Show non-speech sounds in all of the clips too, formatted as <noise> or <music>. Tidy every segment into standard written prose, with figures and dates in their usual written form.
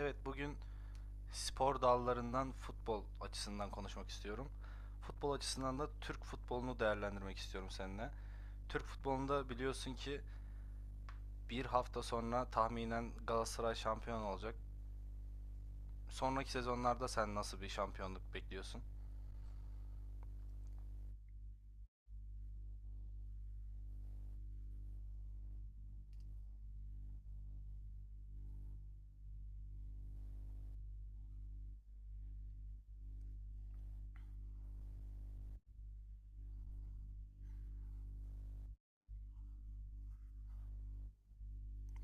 Evet, bugün spor dallarından futbol açısından konuşmak istiyorum. Futbol açısından da Türk futbolunu değerlendirmek istiyorum seninle. Türk futbolunda biliyorsun ki bir hafta sonra tahminen Galatasaray şampiyon olacak. Sonraki sezonlarda sen nasıl bir şampiyonluk bekliyorsun?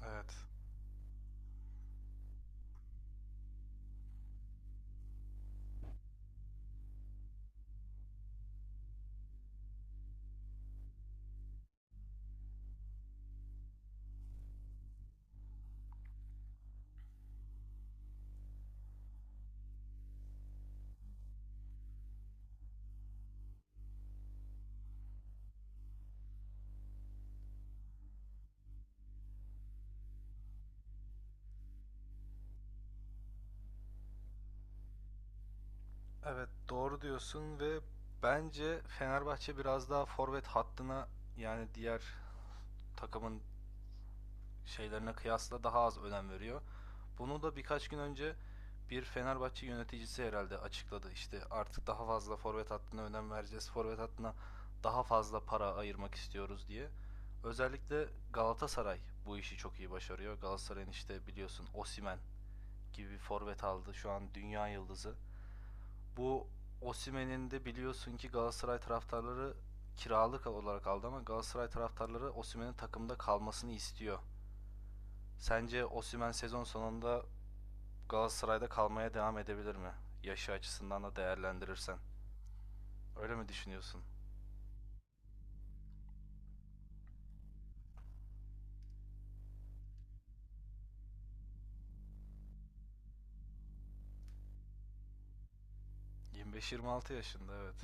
Evet. Evet, doğru diyorsun ve bence Fenerbahçe biraz daha forvet hattına, yani diğer takımın şeylerine kıyasla, daha az önem veriyor. Bunu da birkaç gün önce bir Fenerbahçe yöneticisi herhalde açıkladı. İşte artık daha fazla forvet hattına önem vereceğiz, forvet hattına daha fazla para ayırmak istiyoruz diye. Özellikle Galatasaray bu işi çok iyi başarıyor. Galatasaray'ın işte biliyorsun Osimen gibi bir forvet aldı. Şu an dünya yıldızı. Bu Osimen'in de biliyorsun ki Galatasaray taraftarları kiralık olarak aldı ama Galatasaray taraftarları Osimhen'in takımda kalmasını istiyor. Sence Osimhen sezon sonunda Galatasaray'da kalmaya devam edebilir mi? Yaşı açısından da değerlendirirsen. Öyle mi düşünüyorsun? 25-26 yaşında, evet.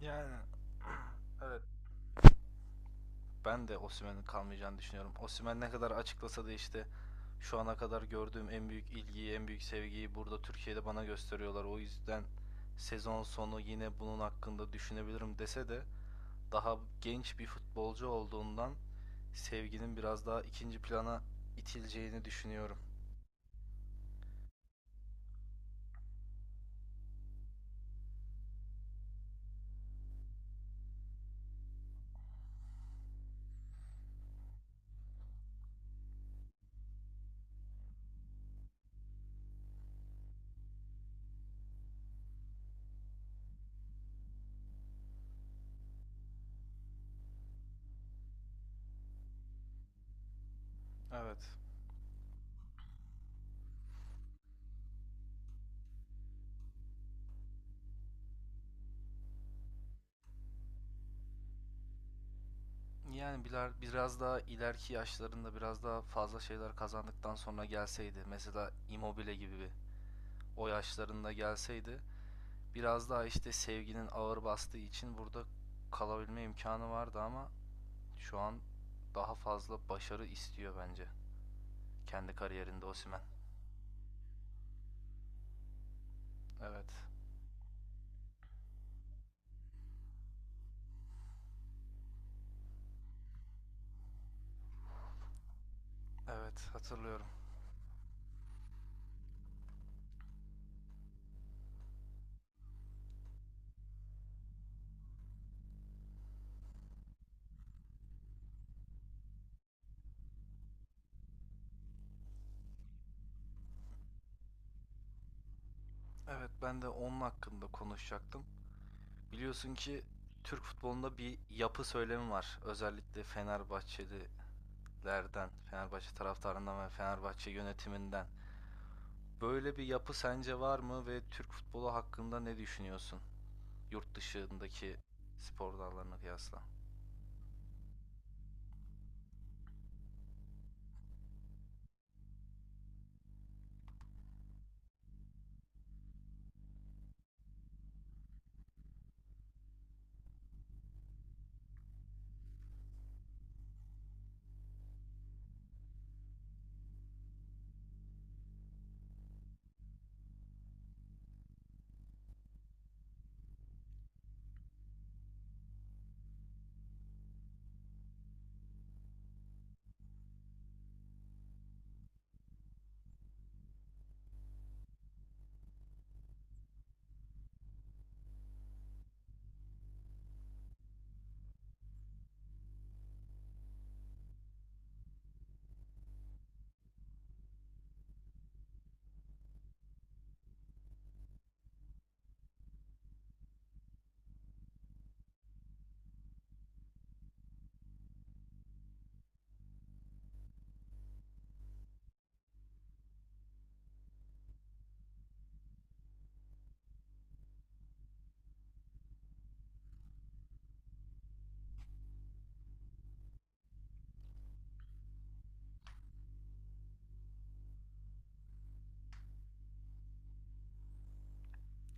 Yani <clears throat> <laughs> evet, ben de Osimhen'in kalmayacağını düşünüyorum. Osimhen ne kadar açıklasa da işte şu ana kadar gördüğüm en büyük ilgiyi, en büyük sevgiyi burada Türkiye'de bana gösteriyorlar, o yüzden sezon sonu yine bunun hakkında düşünebilirim dese de, daha genç bir futbolcu olduğundan Sevgi'nin biraz daha ikinci plana itileceğini düşünüyorum. Evet. Yani biraz daha ileriki yaşlarında, biraz daha fazla şeyler kazandıktan sonra gelseydi, mesela Immobile gibi bir o yaşlarında gelseydi, biraz daha işte Sevgi'nin ağır bastığı için burada kalabilme imkanı vardı ama şu an daha fazla başarı istiyor bence kendi kariyerinde Osimhen. Evet. Evet, hatırlıyorum. Evet, ben de onun hakkında konuşacaktım. Biliyorsun ki Türk futbolunda bir yapı söylemi var, özellikle Fenerbahçelilerden, Fenerbahçe taraftarından ve Fenerbahçe yönetiminden. Böyle bir yapı sence var mı ve Türk futbolu hakkında ne düşünüyorsun, yurt dışındaki spor dallarına kıyasla?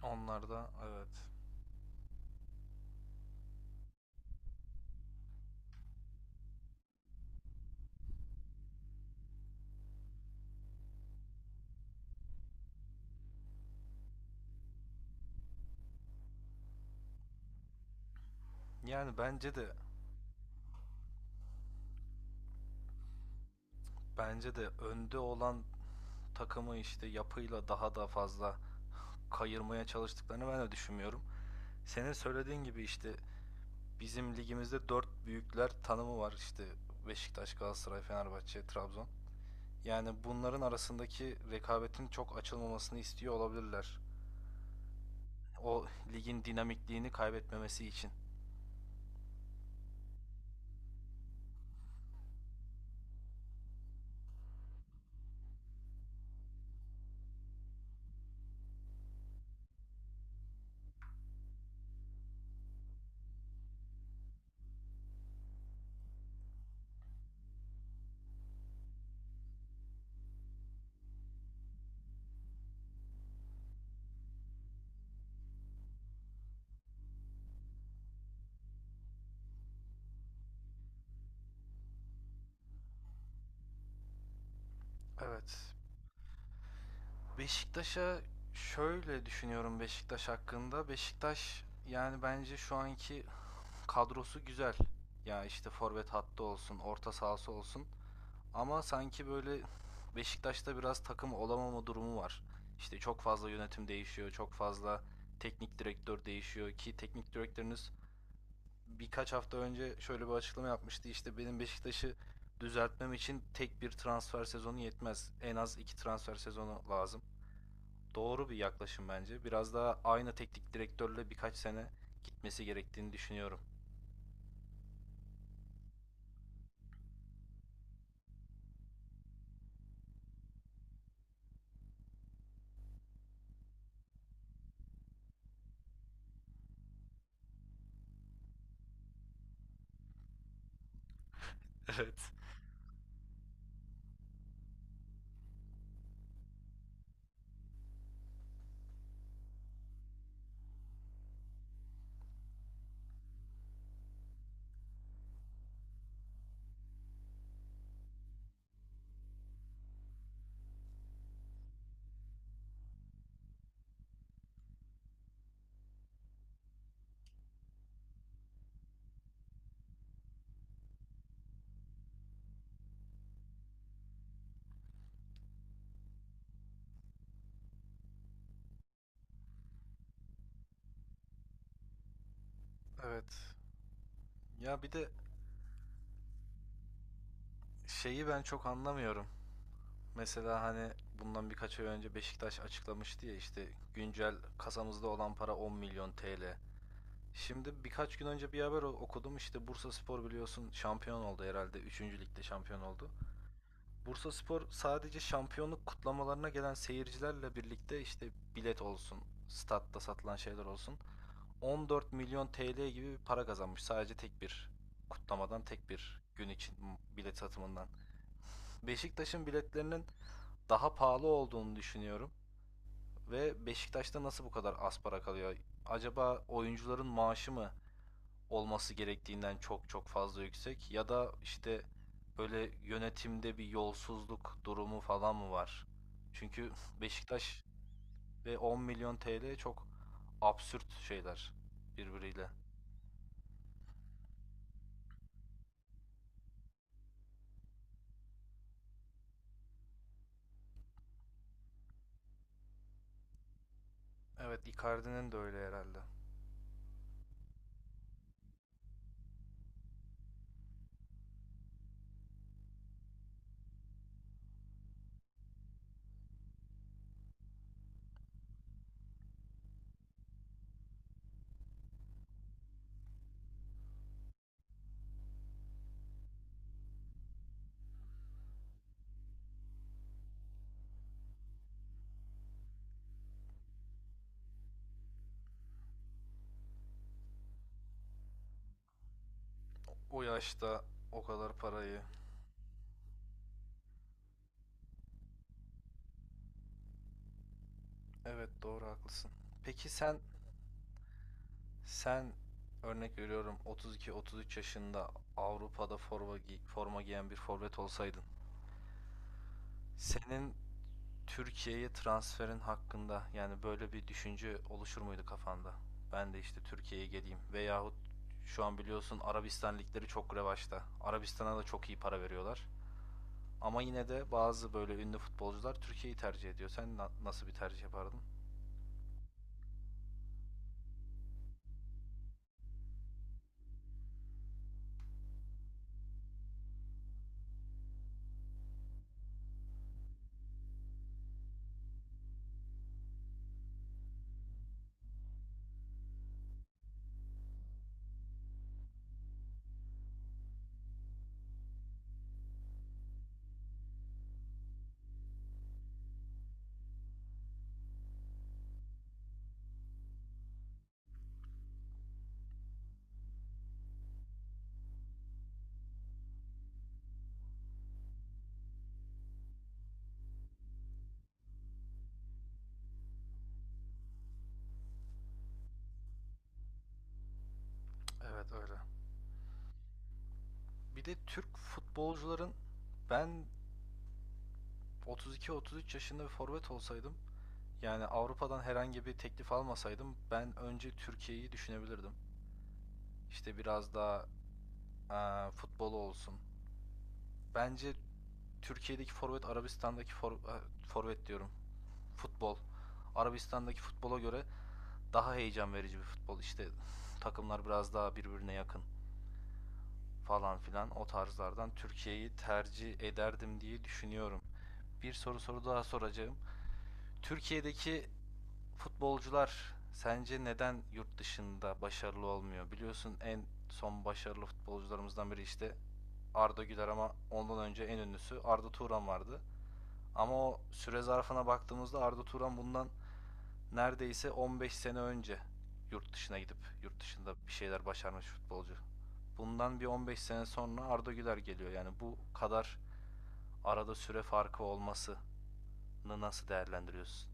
Onlar da, evet. Yani bence de önde olan takımı işte yapıyla daha da fazla kayırmaya çalıştıklarını ben de düşünmüyorum. Senin söylediğin gibi işte bizim ligimizde dört büyükler tanımı var, işte Beşiktaş, Galatasaray, Fenerbahçe, Trabzon. Yani bunların arasındaki rekabetin çok açılmamasını istiyor olabilirler. O ligin dinamikliğini kaybetmemesi için. Evet. Beşiktaş'a şöyle düşünüyorum Beşiktaş hakkında. Beşiktaş, yani bence şu anki kadrosu güzel. Ya işte forvet hattı olsun, orta sahası olsun. Ama sanki böyle Beşiktaş'ta biraz takım olamama durumu var. İşte çok fazla yönetim değişiyor, çok fazla teknik direktör değişiyor ki teknik direktörünüz birkaç hafta önce şöyle bir açıklama yapmıştı. İşte benim Beşiktaş'ı düzeltmem için tek bir transfer sezonu yetmez, en az iki transfer sezonu lazım. Doğru bir yaklaşım bence. Biraz daha aynı teknik direktörle birkaç sene gitmesi gerektiğini düşünüyorum. Evet. Evet. Ya bir de şeyi ben çok anlamıyorum. Mesela hani bundan birkaç ay önce Beşiktaş açıklamıştı ya işte güncel kasamızda olan para 10 milyon TL. Şimdi birkaç gün önce bir haber okudum, işte Bursa Spor biliyorsun şampiyon oldu herhalde, üçüncü ligde şampiyon oldu. Bursa Spor sadece şampiyonluk kutlamalarına gelen seyircilerle birlikte, işte bilet olsun, statta satılan şeyler olsun, 14 milyon TL gibi bir para kazanmış, sadece tek bir kutlamadan, tek bir gün için, bilet satımından. Beşiktaş'ın biletlerinin daha pahalı olduğunu düşünüyorum. Ve Beşiktaş'ta nasıl bu kadar az para kalıyor? Acaba oyuncuların maaşı mı olması gerektiğinden çok çok fazla yüksek, ya da işte böyle yönetimde bir yolsuzluk durumu falan mı var? Çünkü Beşiktaş ve 10 milyon TL çok absürt şeyler birbiriyle. Evet, Icardi'nin de öyle herhalde. O yaşta o kadar parayı. Evet, doğru haklısın. Peki sen örnek veriyorum 32-33 yaşında Avrupa'da forma giyen bir forvet olsaydın. Senin Türkiye'ye transferin hakkında, yani böyle bir düşünce oluşur muydu kafanda? Ben de işte Türkiye'ye geleyim veyahut, şu an biliyorsun Arabistan ligleri çok revaçta, Arabistan'a da çok iyi para veriyorlar. Ama yine de bazı böyle ünlü futbolcular Türkiye'yi tercih ediyor. Sen nasıl bir tercih yapardın? Evet, öyle. Bir de Türk futbolcuların, ben 32-33 yaşında bir forvet olsaydım, yani Avrupa'dan herhangi bir teklif almasaydım, ben önce Türkiye'yi düşünebilirdim. İşte biraz daha futbolu olsun. Bence Türkiye'deki forvet Arabistan'daki forvet diyorum. Futbol. Arabistan'daki futbola göre daha heyecan verici bir futbol. İşte takımlar biraz daha birbirine yakın falan filan, o tarzlardan Türkiye'yi tercih ederdim diye düşünüyorum. Bir soru daha soracağım. Türkiye'deki futbolcular sence neden yurt dışında başarılı olmuyor? Biliyorsun en son başarılı futbolcularımızdan biri işte Arda Güler, ama ondan önce en ünlüsü Arda Turan vardı. Ama o süre zarfına baktığımızda Arda Turan bundan neredeyse 15 sene önce yurt dışına gidip yurt dışında bir şeyler başarmış futbolcu. Bundan bir 15 sene sonra Arda Güler geliyor. Yani bu kadar arada süre farkı olmasını nasıl değerlendiriyorsun?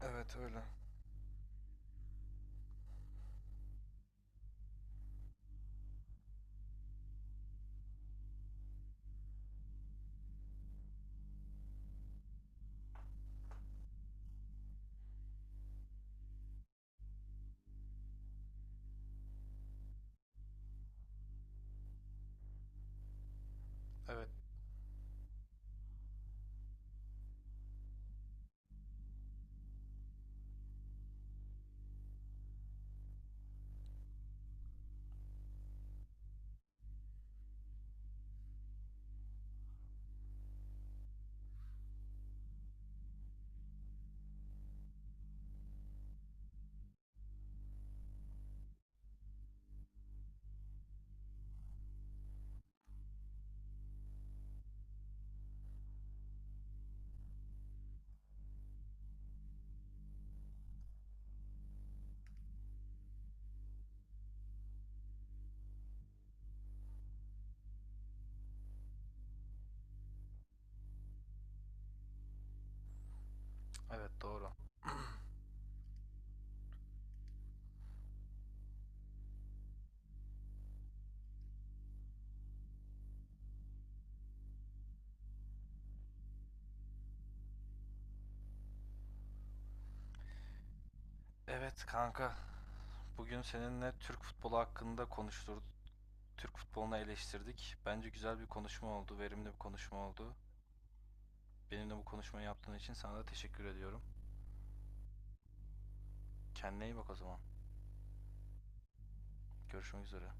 Evet, öyle. Evet, evet, doğru. Evet kanka, bugün seninle Türk futbolu hakkında konuştuk. Türk futbolunu eleştirdik. Bence güzel bir konuşma oldu, verimli bir konuşma oldu. Benimle bu konuşmayı yaptığın için sana da teşekkür ediyorum. Kendine iyi bak o zaman. Görüşmek üzere.